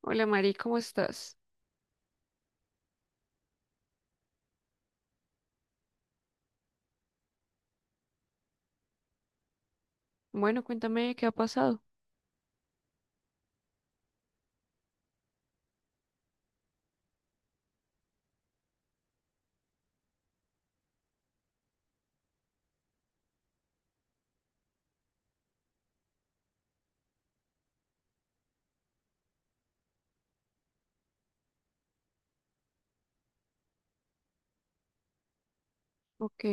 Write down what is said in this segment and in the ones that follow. Hola Mari, ¿cómo estás? Bueno, cuéntame qué ha pasado. Ok,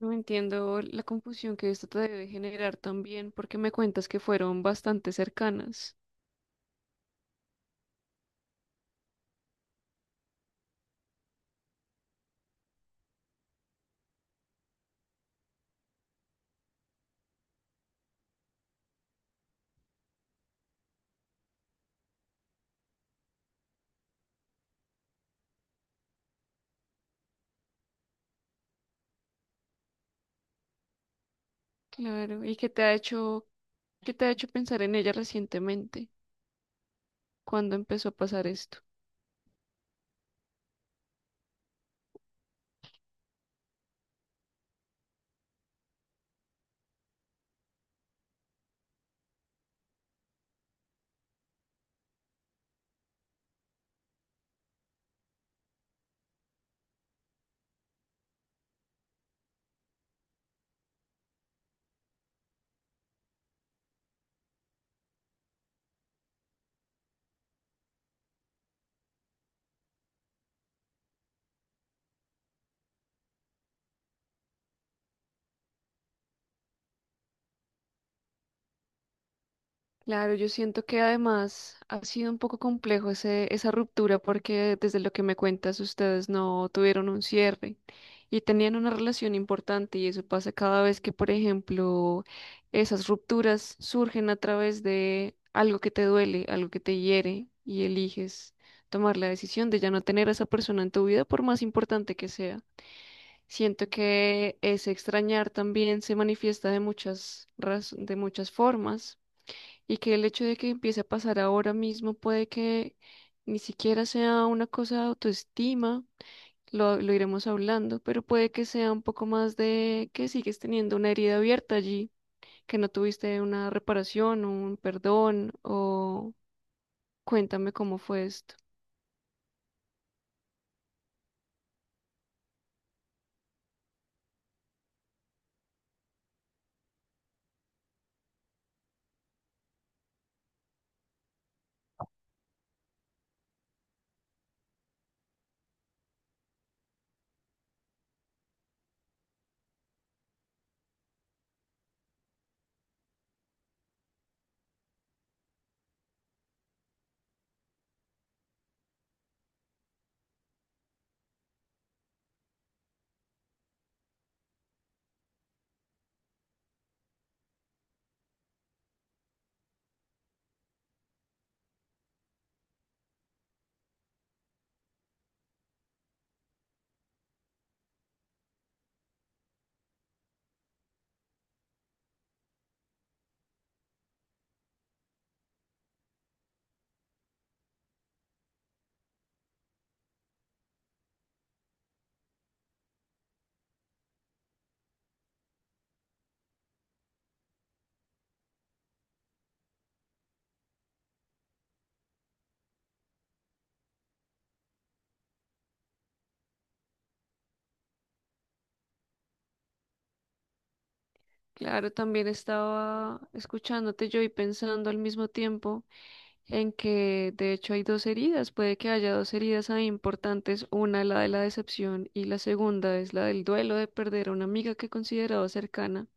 no entiendo la confusión que esto te debe generar también, porque me cuentas que fueron bastante cercanas. Claro, ¿qué te ha hecho pensar en ella recientemente? ¿Cuándo empezó a pasar esto? Claro, yo siento que además ha sido un poco complejo esa ruptura porque desde lo que me cuentas ustedes no tuvieron un cierre y tenían una relación importante y eso pasa cada vez que, por ejemplo, esas rupturas surgen a través de algo que te duele, algo que te hiere y eliges tomar la decisión de ya no tener a esa persona en tu vida por más importante que sea. Siento que ese extrañar también se manifiesta de de muchas formas y que el hecho de que empiece a pasar ahora mismo puede que ni siquiera sea una cosa de autoestima, lo iremos hablando, pero puede que sea un poco más de que sigues teniendo una herida abierta allí, que no tuviste una reparación, un perdón, o cuéntame cómo fue esto. Claro, también estaba escuchándote yo y pensando al mismo tiempo en que de hecho hay dos heridas, puede que haya dos heridas ahí importantes, una la de la decepción y la segunda es la del duelo de perder a una amiga que consideraba cercana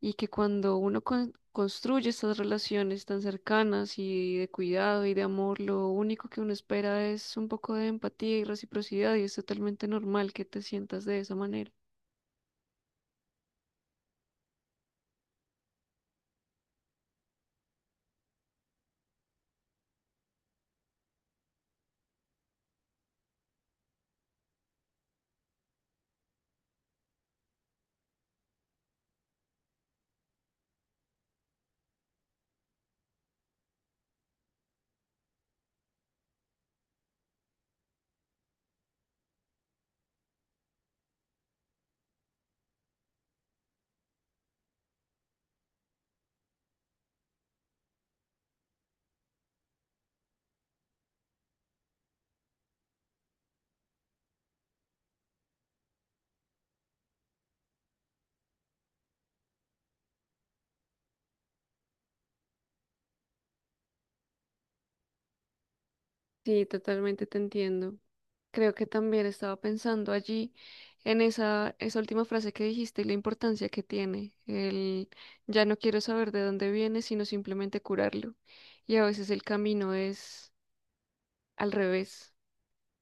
y que cuando uno construye estas relaciones tan cercanas y de cuidado y de amor, lo único que uno espera es un poco de empatía y reciprocidad y es totalmente normal que te sientas de esa manera. Sí, totalmente te entiendo. Creo que también estaba pensando allí en esa última frase que dijiste y la importancia que tiene. El ya no quiero saber de dónde viene, sino simplemente curarlo. Y a veces el camino es al revés.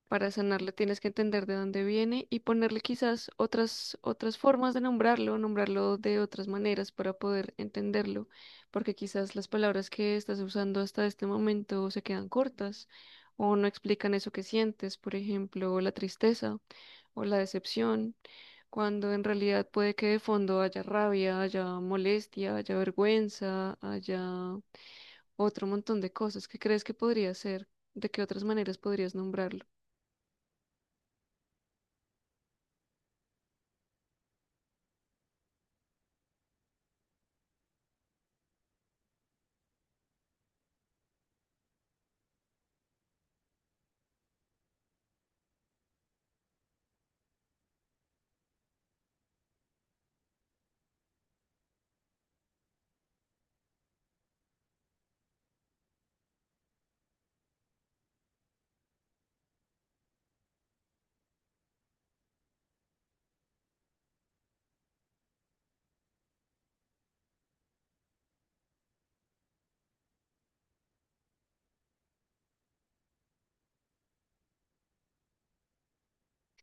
Para sanarlo tienes que entender de dónde viene y ponerle quizás otras formas de nombrarlo, nombrarlo de otras maneras para poder entenderlo, porque quizás las palabras que estás usando hasta este momento se quedan cortas o no explican eso que sientes, por ejemplo, la tristeza o la decepción, cuando en realidad puede que de fondo haya rabia, haya molestia, haya vergüenza, haya otro montón de cosas. ¿Qué crees que podría ser? ¿De qué otras maneras podrías nombrarlo?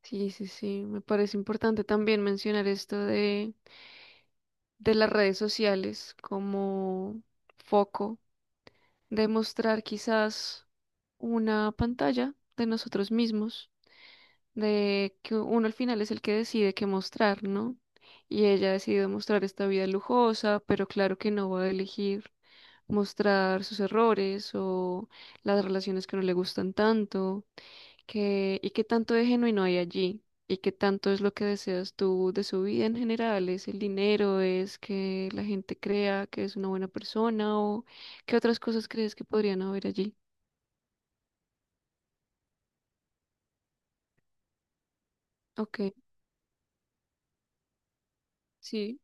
Sí, sí, sí, me parece importante también mencionar esto de las redes sociales como foco de mostrar quizás una pantalla de nosotros mismos, de que uno al final es el que decide qué mostrar, ¿no? Y ella ha decidido mostrar esta vida lujosa, pero claro que no va a elegir mostrar sus errores o las relaciones que no le gustan tanto y qué tanto de genuino hay allí, y qué tanto es lo que deseas tú de su vida en general, es el dinero, es que la gente crea que es una buena persona o qué otras cosas crees que podrían haber allí. Ok, sí,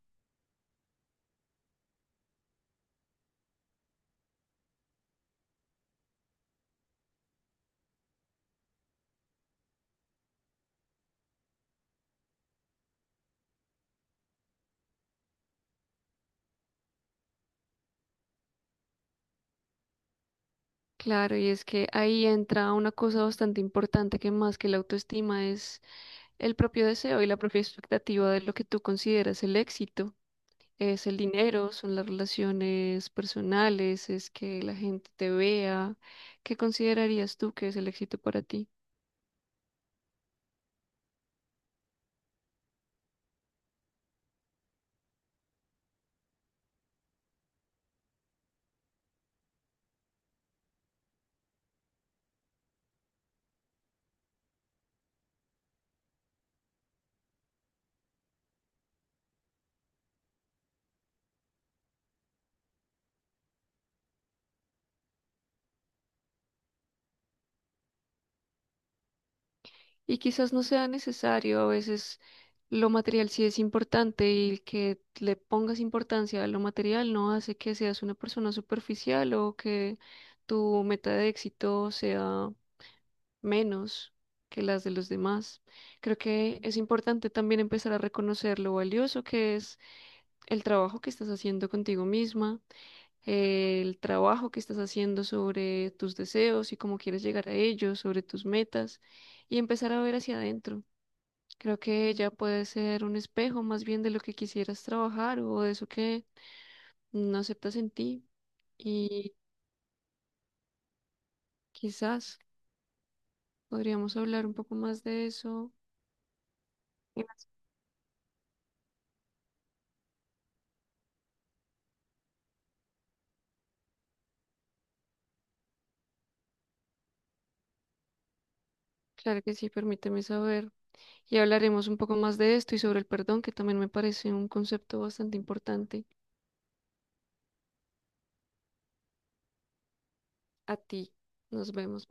claro, y es que ahí entra una cosa bastante importante que más que la autoestima es el propio deseo y la propia expectativa de lo que tú consideras el éxito. Es el dinero, son las relaciones personales, es que la gente te vea. ¿Qué considerarías tú que es el éxito para ti? Y quizás no sea necesario, a veces lo material sí es importante y que le pongas importancia a lo material no hace que seas una persona superficial o que tu meta de éxito sea menos que las de los demás. Creo que es importante también empezar a reconocer lo valioso que es el trabajo que estás haciendo contigo misma, el trabajo que estás haciendo sobre tus deseos y cómo quieres llegar a ellos, sobre tus metas y empezar a ver hacia adentro. Creo que ella puede ser un espejo más bien de lo que quisieras trabajar o de eso que no aceptas en ti, y quizás podríamos hablar un poco más de eso. Gracias. Claro que sí, permíteme saber. Y hablaremos un poco más de esto y sobre el perdón, que también me parece un concepto bastante importante. A ti, nos vemos.